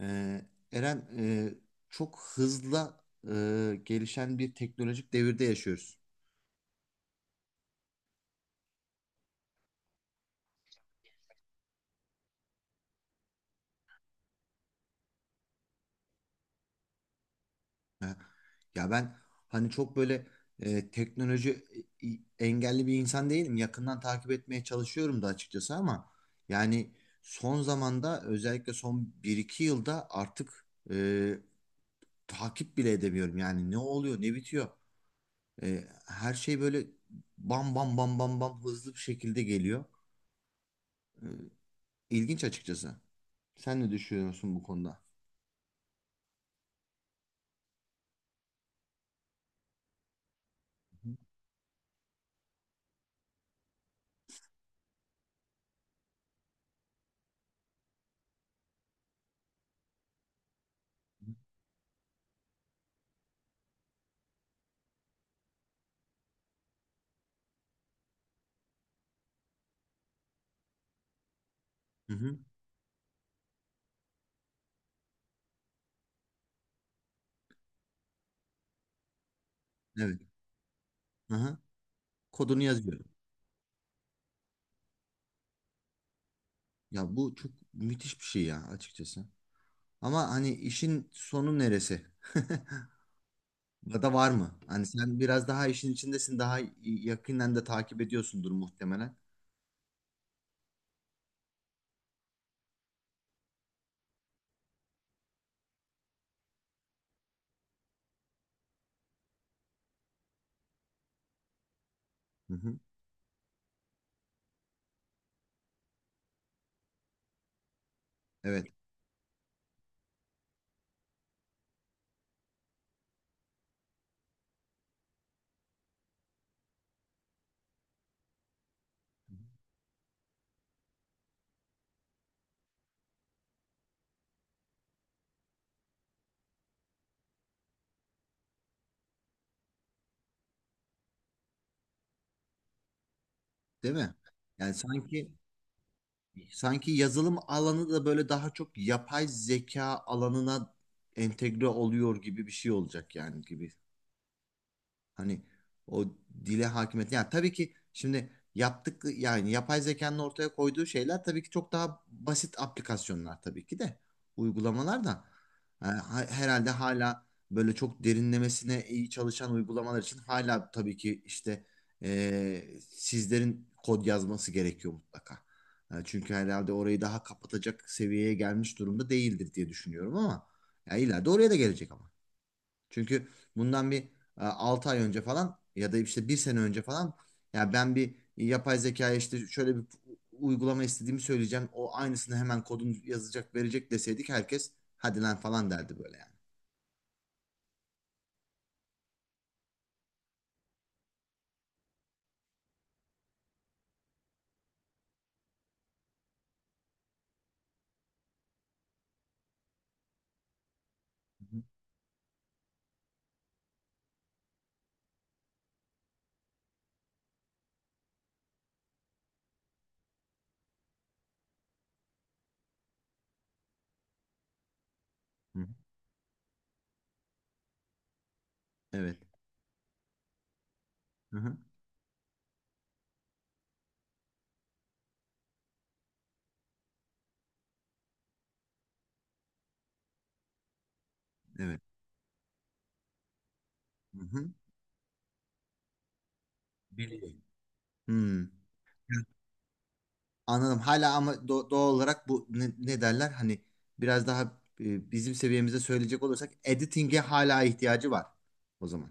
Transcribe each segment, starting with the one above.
Ee, Eren, çok hızla gelişen bir teknolojik devirde yaşıyoruz. Ha. Ya ben hani çok böyle teknoloji engelli bir insan değilim. Yakından takip etmeye çalışıyorum da açıkçası ama yani son zamanda özellikle son bir iki yılda artık e, takip bile edemiyorum. Yani ne oluyor ne bitiyor. Her şey böyle bam bam bam bam bam hızlı bir şekilde geliyor. İlginç açıkçası. Sen ne düşünüyorsun bu konuda? Hı hı. Evet. Hı hı. Kodunu yazıyorum. Ya bu çok müthiş bir şey ya açıkçası. Ama hani işin sonu neresi? Ya da var mı? Hani sen biraz daha işin içindesin, daha yakından da takip ediyorsundur muhtemelen. Hı hı. Evet. Değil mi? Yani sanki yazılım alanı da böyle daha çok yapay zeka alanına entegre oluyor gibi bir şey olacak yani gibi. Hani o dile hakimiyet. Yani tabii ki şimdi yaptık yani yapay zekanın ortaya koyduğu şeyler tabii ki çok daha basit aplikasyonlar tabii ki de uygulamalar da herhalde hala böyle çok derinlemesine iyi çalışan uygulamalar için hala tabii ki işte e, sizlerin kod yazması gerekiyor mutlaka. Çünkü herhalde orayı daha kapatacak seviyeye gelmiş durumda değildir diye düşünüyorum ama ya ileride oraya da gelecek ama. Çünkü bundan bir 6 ay önce falan ya da işte bir sene önce falan ya ben bir yapay zekaya işte şöyle bir uygulama istediğimi söyleyeceğim. O aynısını hemen kodunu yazacak verecek deseydik herkes hadi lan falan derdi böyle yani. Hı hı. Evet. Hı hı. Evet. Hı hı. Biliyorum. Hmm. Anladım. Hala ama doğal olarak bu ne, ne derler? Hani biraz daha bizim seviyemizde söyleyecek olursak editing'e hala ihtiyacı var o zaman.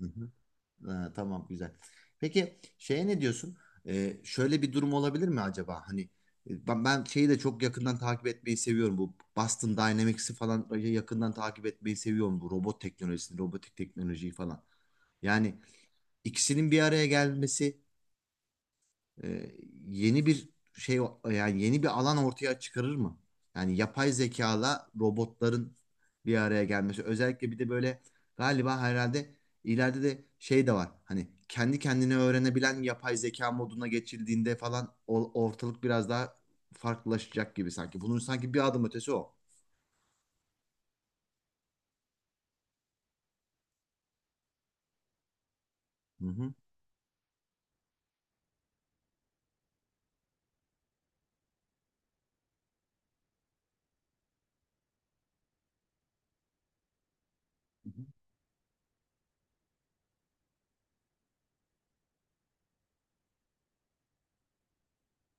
Hı hı. Ha, tamam güzel. Peki şeye ne diyorsun? Şöyle bir durum olabilir mi acaba? Hani ben şeyi de çok yakından takip etmeyi seviyorum. Bu Boston Dynamics'i falan böyle yakından takip etmeyi seviyorum. Bu robot teknolojisini, robotik teknolojiyi falan. Yani ikisinin bir araya gelmesi e, yeni bir şey yani yeni bir alan ortaya çıkarır mı? Yani yapay zekala robotların bir araya gelmesi. Özellikle bir de böyle galiba herhalde ileride de şey de var. Hani kendi kendine öğrenebilen yapay zeka moduna geçildiğinde falan ortalık biraz daha farklılaşacak gibi sanki. Bunun sanki bir adım ötesi o. Hı hı. Hı hı.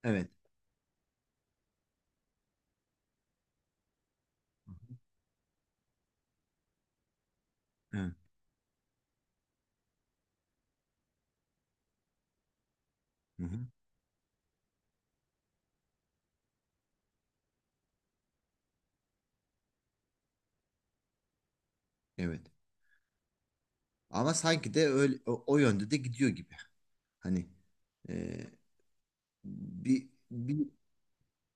Evet. Hı hı. Evet. Hı hı. Evet. Ama sanki de öyle o yönde de gidiyor gibi. Hani e, bir, bir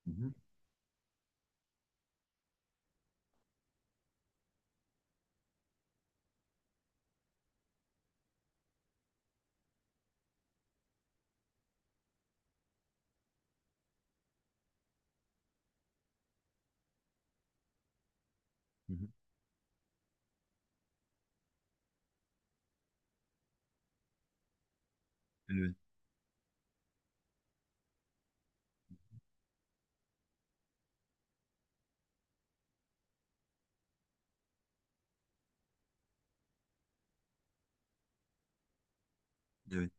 Hı hı, hı hı. Evet, evet.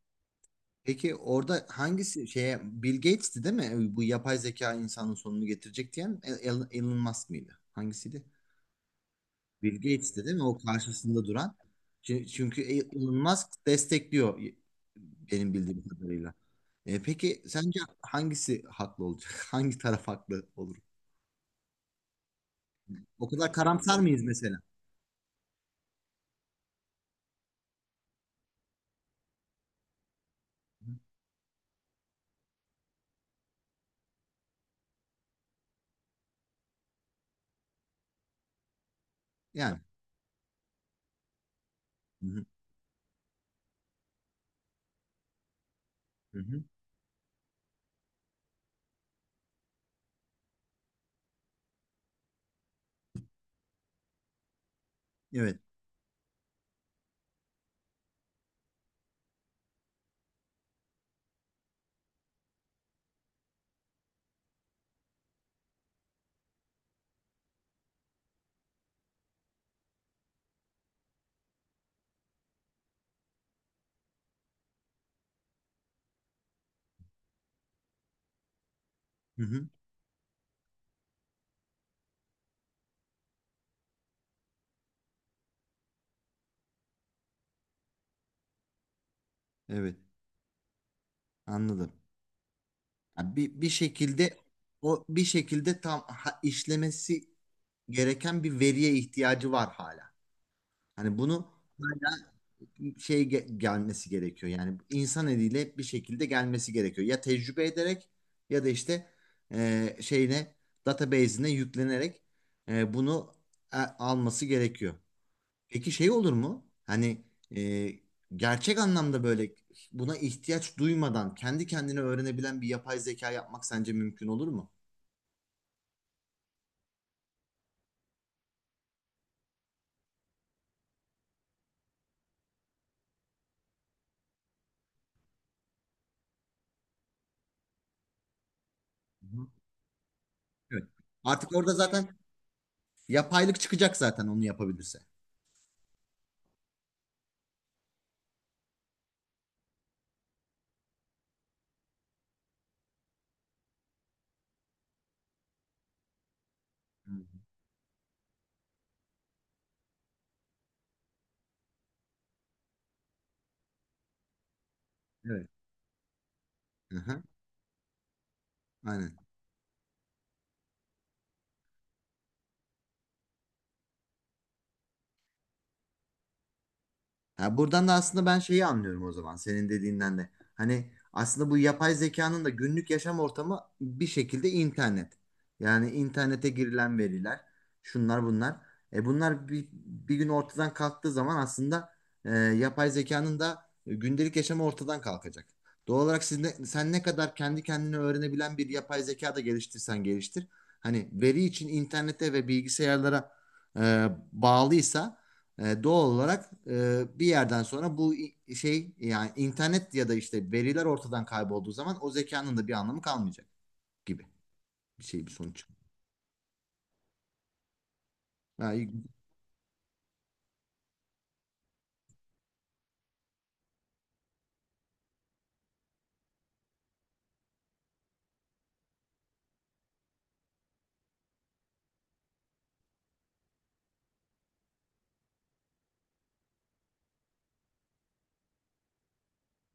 Peki orada hangisi şeye Bill Gates'ti değil mi? Bu yapay zeka insanın sonunu getirecek diyen Elon Musk mıydı? Hangisiydi? Bill Gates'ti değil mi? O karşısında duran. Çünkü Elon Musk destekliyor benim bildiğim kadarıyla. Peki sence hangisi haklı olacak? Hangi taraf haklı olur? O kadar karamsar mıyız mesela? Yani. Hı hı, hı hı. Evet. Hı hı. Evet. Anladım. Yani bir şekilde o bir şekilde tam işlemesi gereken bir veriye ihtiyacı var hala. Hani bunu hala şey gelmesi gerekiyor. Yani insan eliyle hep bir şekilde gelmesi gerekiyor. Ya tecrübe ederek ya da işte şeyine database'ine yüklenerek bunu alması gerekiyor. Peki şey olur mu? Hani e, gerçek anlamda böyle buna ihtiyaç duymadan kendi kendine öğrenebilen bir yapay zeka yapmak sence mümkün olur mu? Hı hı. Evet. Artık orada zaten yapaylık çıkacak zaten onu yapabilirse. Hı hı. Evet. Hı hı. Aynen. Ha, buradan da aslında ben şeyi anlıyorum o zaman senin dediğinden de. Hani aslında bu yapay zekanın da günlük yaşam ortamı bir şekilde internet. Yani internete girilen veriler, şunlar bunlar. Bunlar bir gün ortadan kalktığı zaman aslında yapay zekanın da gündelik yaşamı ortadan kalkacak. Doğal olarak siz ne, sen ne kadar kendi kendine öğrenebilen bir yapay zeka da geliştirsen geliştir. Hani veri için internete ve bilgisayarlara bağlıysa doğal olarak bir yerden sonra bu şey yani internet ya da işte veriler ortadan kaybolduğu zaman o zekanın da bir anlamı kalmayacak gibi bir şey bir sonuç. Ha, iyi.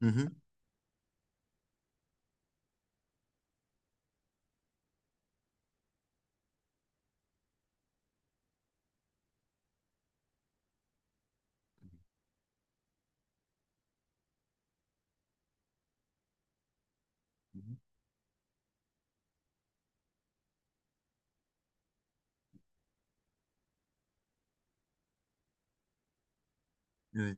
Hı hı. Hı hı. Evet.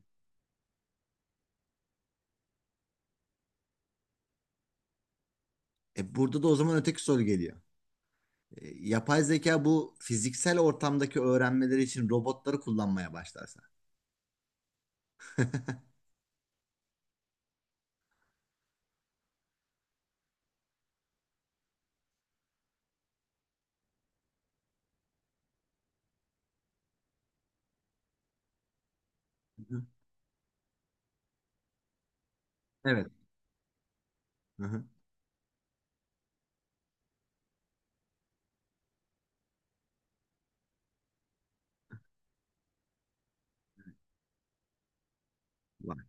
Burada da o zaman öteki soru geliyor. Yapay zeka bu fiziksel ortamdaki öğrenmeleri için robotları kullanmaya başlarsa. Hı hı. Evet. Hı hı. Var.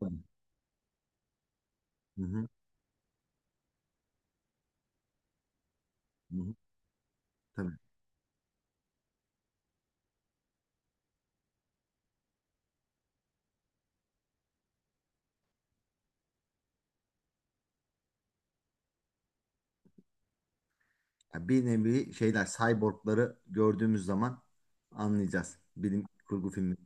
Var. Hı hı. Hı hı. Tabii. Ya bir nevi şeyler, cyborgları gördüğümüz zaman anlayacağız. Bilim kurgu filmi.